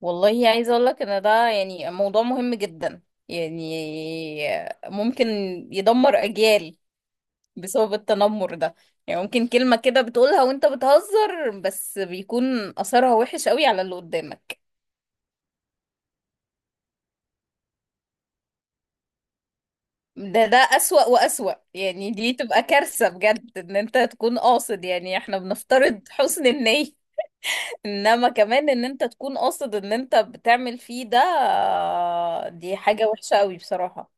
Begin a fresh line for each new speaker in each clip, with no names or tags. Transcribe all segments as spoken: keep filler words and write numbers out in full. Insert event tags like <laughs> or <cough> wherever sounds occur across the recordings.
والله عايزة اقول لك ان ده يعني موضوع مهم جدا، يعني ممكن يدمر اجيال بسبب التنمر ده. يعني ممكن كلمة كده بتقولها وانت بتهزر، بس بيكون اثرها وحش قوي على اللي قدامك. ده ده اسوأ واسوأ، يعني دي تبقى كارثة بجد ان انت تكون قاصد، يعني احنا بنفترض حسن النية. <laughs> انما كمان ان انت تكون قاصد ان انت بتعمل فيه ده، دي حاجة وحشة قوي بصراحة.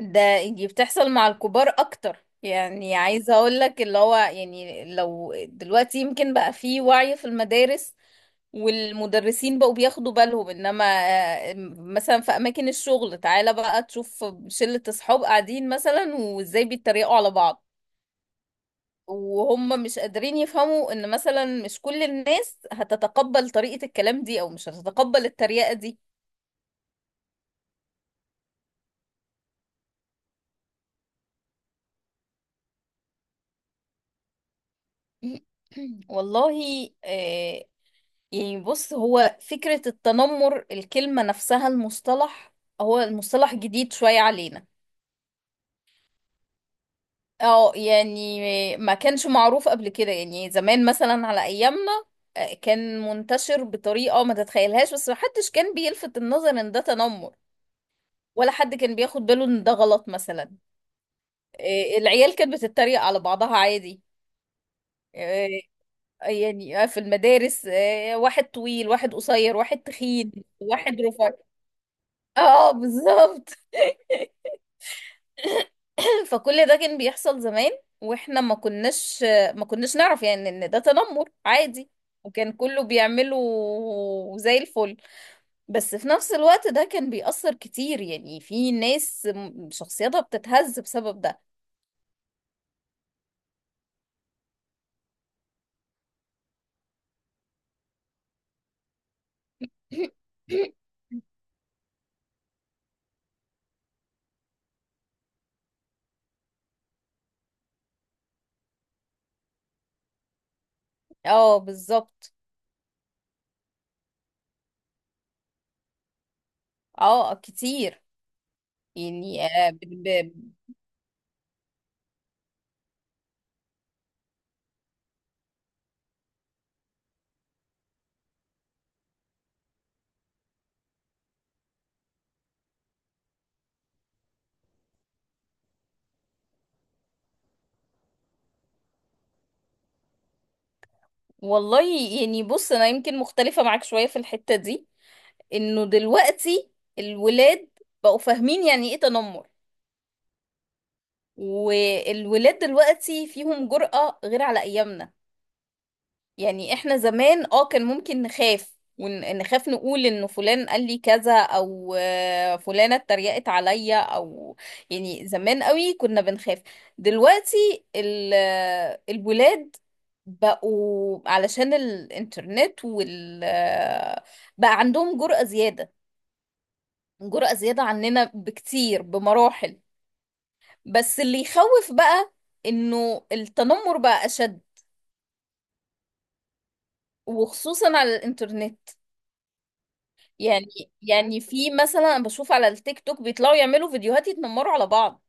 ده، دي بتحصل مع الكبار اكتر، يعني عايزه اقول لك اللي هو، يعني لو دلوقتي يمكن بقى في وعي في المدارس والمدرسين بقوا بياخدوا بالهم. انما آه، مثلا في اماكن الشغل، تعالى بقى تشوف شلة اصحاب قاعدين مثلا وازاي بيتريقوا على بعض، وهم مش قادرين يفهموا ان مثلا مش كل الناس هتتقبل طريقة الكلام دي او مش هتتقبل التريقة دي. <clears throat> والله، آه، يعني بص، هو فكرة التنمر، الكلمة نفسها، المصطلح، هو المصطلح جديد شوية علينا. اه، يعني ما كانش معروف قبل كده، يعني زمان مثلا على ايامنا آه، كان منتشر بطريقة ما تتخيلهاش، بس محدش كان بيلفت النظر ان ده تنمر، ولا حد كان بياخد باله ان ده غلط مثلا. آه، العيال كانت بتتريق على بعضها عادي. آه، يعني آه، في المدارس، آه، واحد طويل واحد قصير واحد تخين واحد رفيع. اه، بالظبط. فكل ده كان بيحصل زمان، واحنا ما كناش ما كناش نعرف يعني ان ده تنمر عادي، وكان كله بيعمله زي الفل. بس في نفس الوقت ده كان بيأثر كتير، يعني في ناس م- شخصيتها بتتهز بسبب ده. <clears throat> <laughs> اه، بالظبط. اه، كتير. يعني آه، ب... ب... والله، يعني بص، انا يمكن مختلفة معاك شوية في الحتة دي، انه دلوقتي الولاد بقوا فاهمين يعني ايه تنمر. والولاد دلوقتي فيهم جرأة غير على أيامنا. يعني احنا زمان اه كان ممكن نخاف، ونخاف نقول انه فلان قال لي كذا او آه، فلانة اتريقت عليا او. يعني زمان قوي كنا بنخاف. دلوقتي ال- آه، الولاد بقوا علشان الانترنت وال آه، بقى عندهم جرأة زيادة، جرأة زيادة عننا بكتير بمراحل. بس اللي يخوف بقى انه التنمر بقى اشد، وخصوصا على الانترنت. يعني يعني في مثلا أنا بشوف على التيك توك بيطلعوا يعملوا فيديوهات يتنمروا على بعض،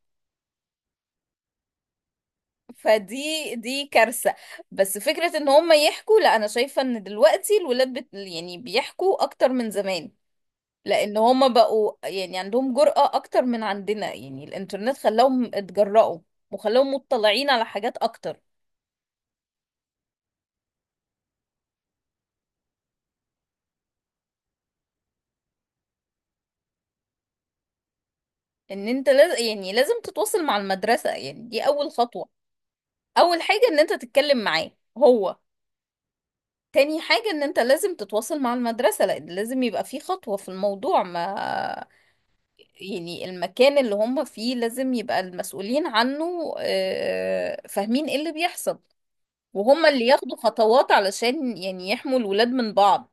فدي دي كارثة. بس فكرة ان هم يحكوا، لا، انا شايفة ان دلوقتي الولاد بت يعني بيحكوا اكتر من زمان، لان هم بقوا يعني عندهم جرأة اكتر من عندنا، يعني الانترنت خلاهم اتجرأوا، وخلاهم مطلعين على حاجات اكتر. ان انت لازم، يعني لازم تتواصل مع المدرسة، يعني دي اول خطوة. اول حاجة ان انت تتكلم معاه هو، تاني حاجة ان انت لازم تتواصل مع المدرسة، لان لازم يبقى في خطوة في الموضوع، ما يعني المكان اللي هم فيه لازم يبقى المسؤولين عنه آه، فاهمين ايه اللي بيحصل، وهم اللي ياخدوا خطوات علشان يعني يحموا الولاد من بعض.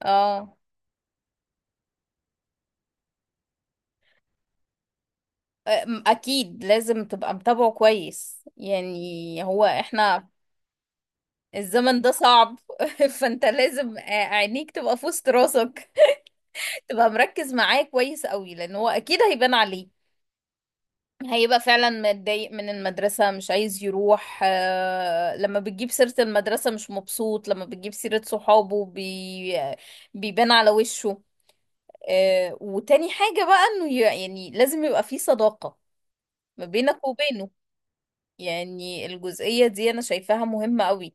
اه. أم- اكيد لازم تبقى متابعه كويس، يعني هو احنا الزمن ده صعب. <laughs> فانت لازم آه، عينيك تبقى في وسط راسك، تبقى مركز معاه كويس قوي، لان هو اكيد هيبان عليه. هيبقى فعلا متضايق من المدرسة، مش عايز يروح. آه، لما بتجيب سيرة المدرسة مش مبسوط، لما بتجيب سيرة صحابه بي... بيبان على وشه. آه، وتاني حاجة بقى انه ي- يعني لازم يبقى في صداقة ما بينك وبينه. يعني الجزئية دي انا شايفاها مهمة قوي،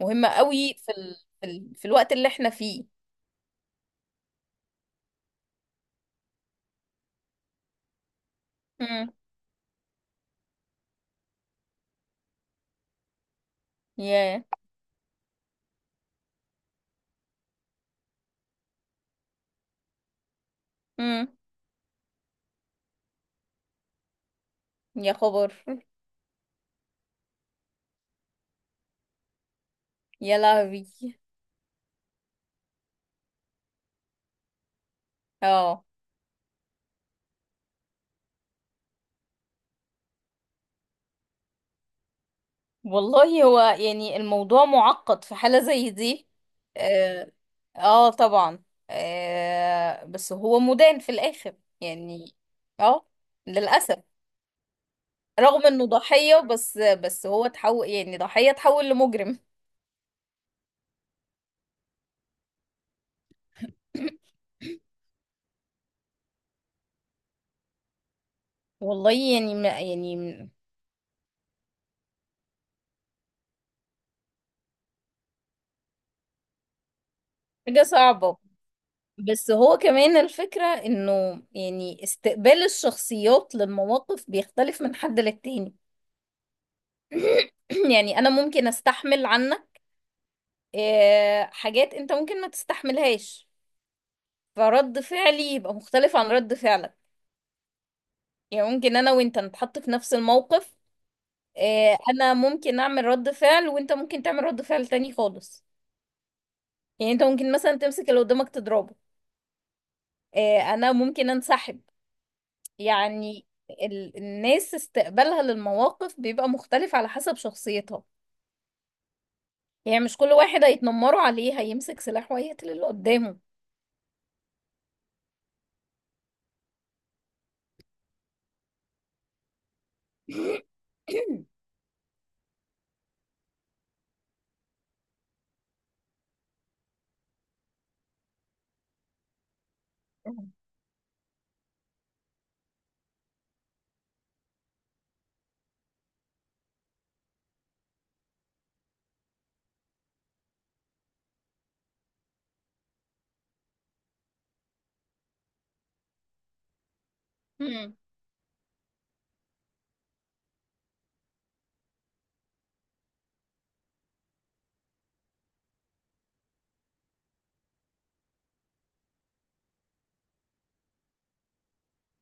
مهمة قوي في ال... في ال... في الوقت اللي احنا فيه. يا امم يا خبر، يا لهوي. اه، والله هو يعني الموضوع معقد في حالة زي دي. اه، آه طبعا. آه بس هو مدان في الآخر، يعني اه، للأسف. رغم انه ضحية، بس بس هو تحول، يعني ضحية تحول لمجرم. <coughs> والله يعني، ما يعني، حاجة صعبة. بس هو كمان الفكرة انه، يعني استقبال الشخصيات للمواقف بيختلف من حد للتاني. <clears throat> يعني انا ممكن استحمل عنك آه، حاجات انت ممكن ما تستحملهاش، فرد فعلي يبقى مختلف عن رد فعلك. يعني ممكن انا وانت نتحط في نفس الموقف، آه، انا ممكن اعمل رد فعل وانت ممكن تعمل رد فعل تاني خالص. يعني انت ممكن مثلا تمسك اللي قدامك تضربه، آه، انا ممكن انسحب. يعني ال- الناس استقبالها للمواقف بيبقى مختلف على حسب شخصيتها. يعني مش كل واحد هيتنمروا عليه هيمسك سلاح وهيقتل اللي قدامه. <coughs> مم.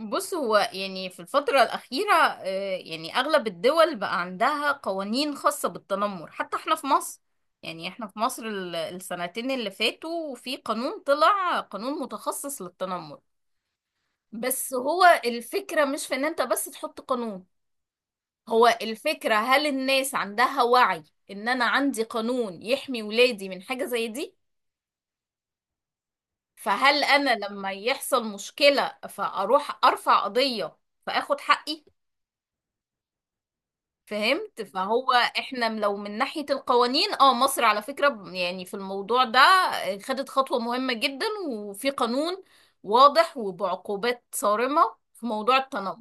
بص، هو يعني في الفترة الأخيرة آه، يعني أغلب الدول بقى عندها قوانين خاصة بالتنمر، حتى احنا في مصر. يعني احنا في مصر ال- السنتين اللي فاتوا في قانون، طلع قانون متخصص للتنمر. بس هو الفكرة مش في ان انت بس تحط قانون، هو الفكرة هل الناس عندها وعي ان انا عندي قانون يحمي ولادي من حاجة زي دي؟ فهل انا لما يحصل مشكلة فاروح ارفع قضية فاخد حقي؟ فهمت. فهو احنا لو من ناحية القوانين، اه مصر على فكرة ب- يعني في الموضوع ده خدت خطوة مهمة جدا، وفي قانون واضح وبعقوبات صارمة في موضوع التنمر.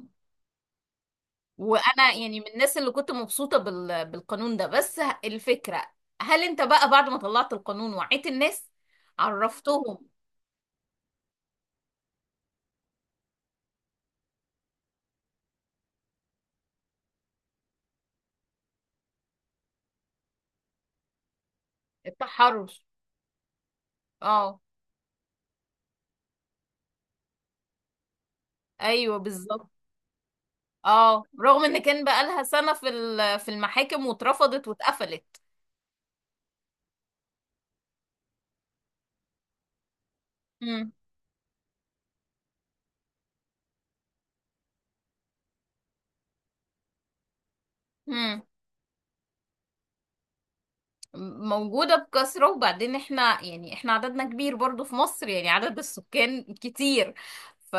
وانا يعني من الناس اللي كنت مبسوطة بال... بالقانون ده، بس ه- الفكرة هل انت بقى بعد ما طلعت القانون وعيت الناس، عرفتهم؟ التحرش. اه، ايوه، بالظبط. اه، رغم ان كان بقى لها سنة في ال- في المحاكم واترفضت واتقفلت. امم. موجودة بكثرة. وبعدين احنا، يعني احنا عددنا كبير برضو في مصر، يعني عدد السكان كتير. ف...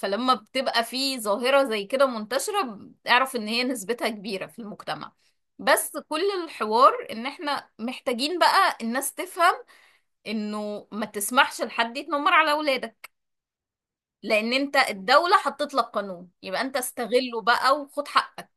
فلما بتبقى في ظاهرة زي كده منتشرة، اعرف ان هي نسبتها كبيرة في المجتمع. بس كل الحوار ان احنا محتاجين بقى الناس تفهم انه ما تسمحش لحد يتنمر على اولادك، لان انت الدولة حطت لك قانون، يبقى انت استغله بقى وخد حقك.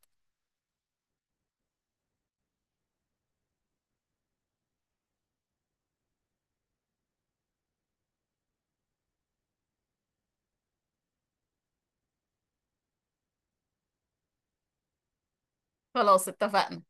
خلاص، اتفقنا.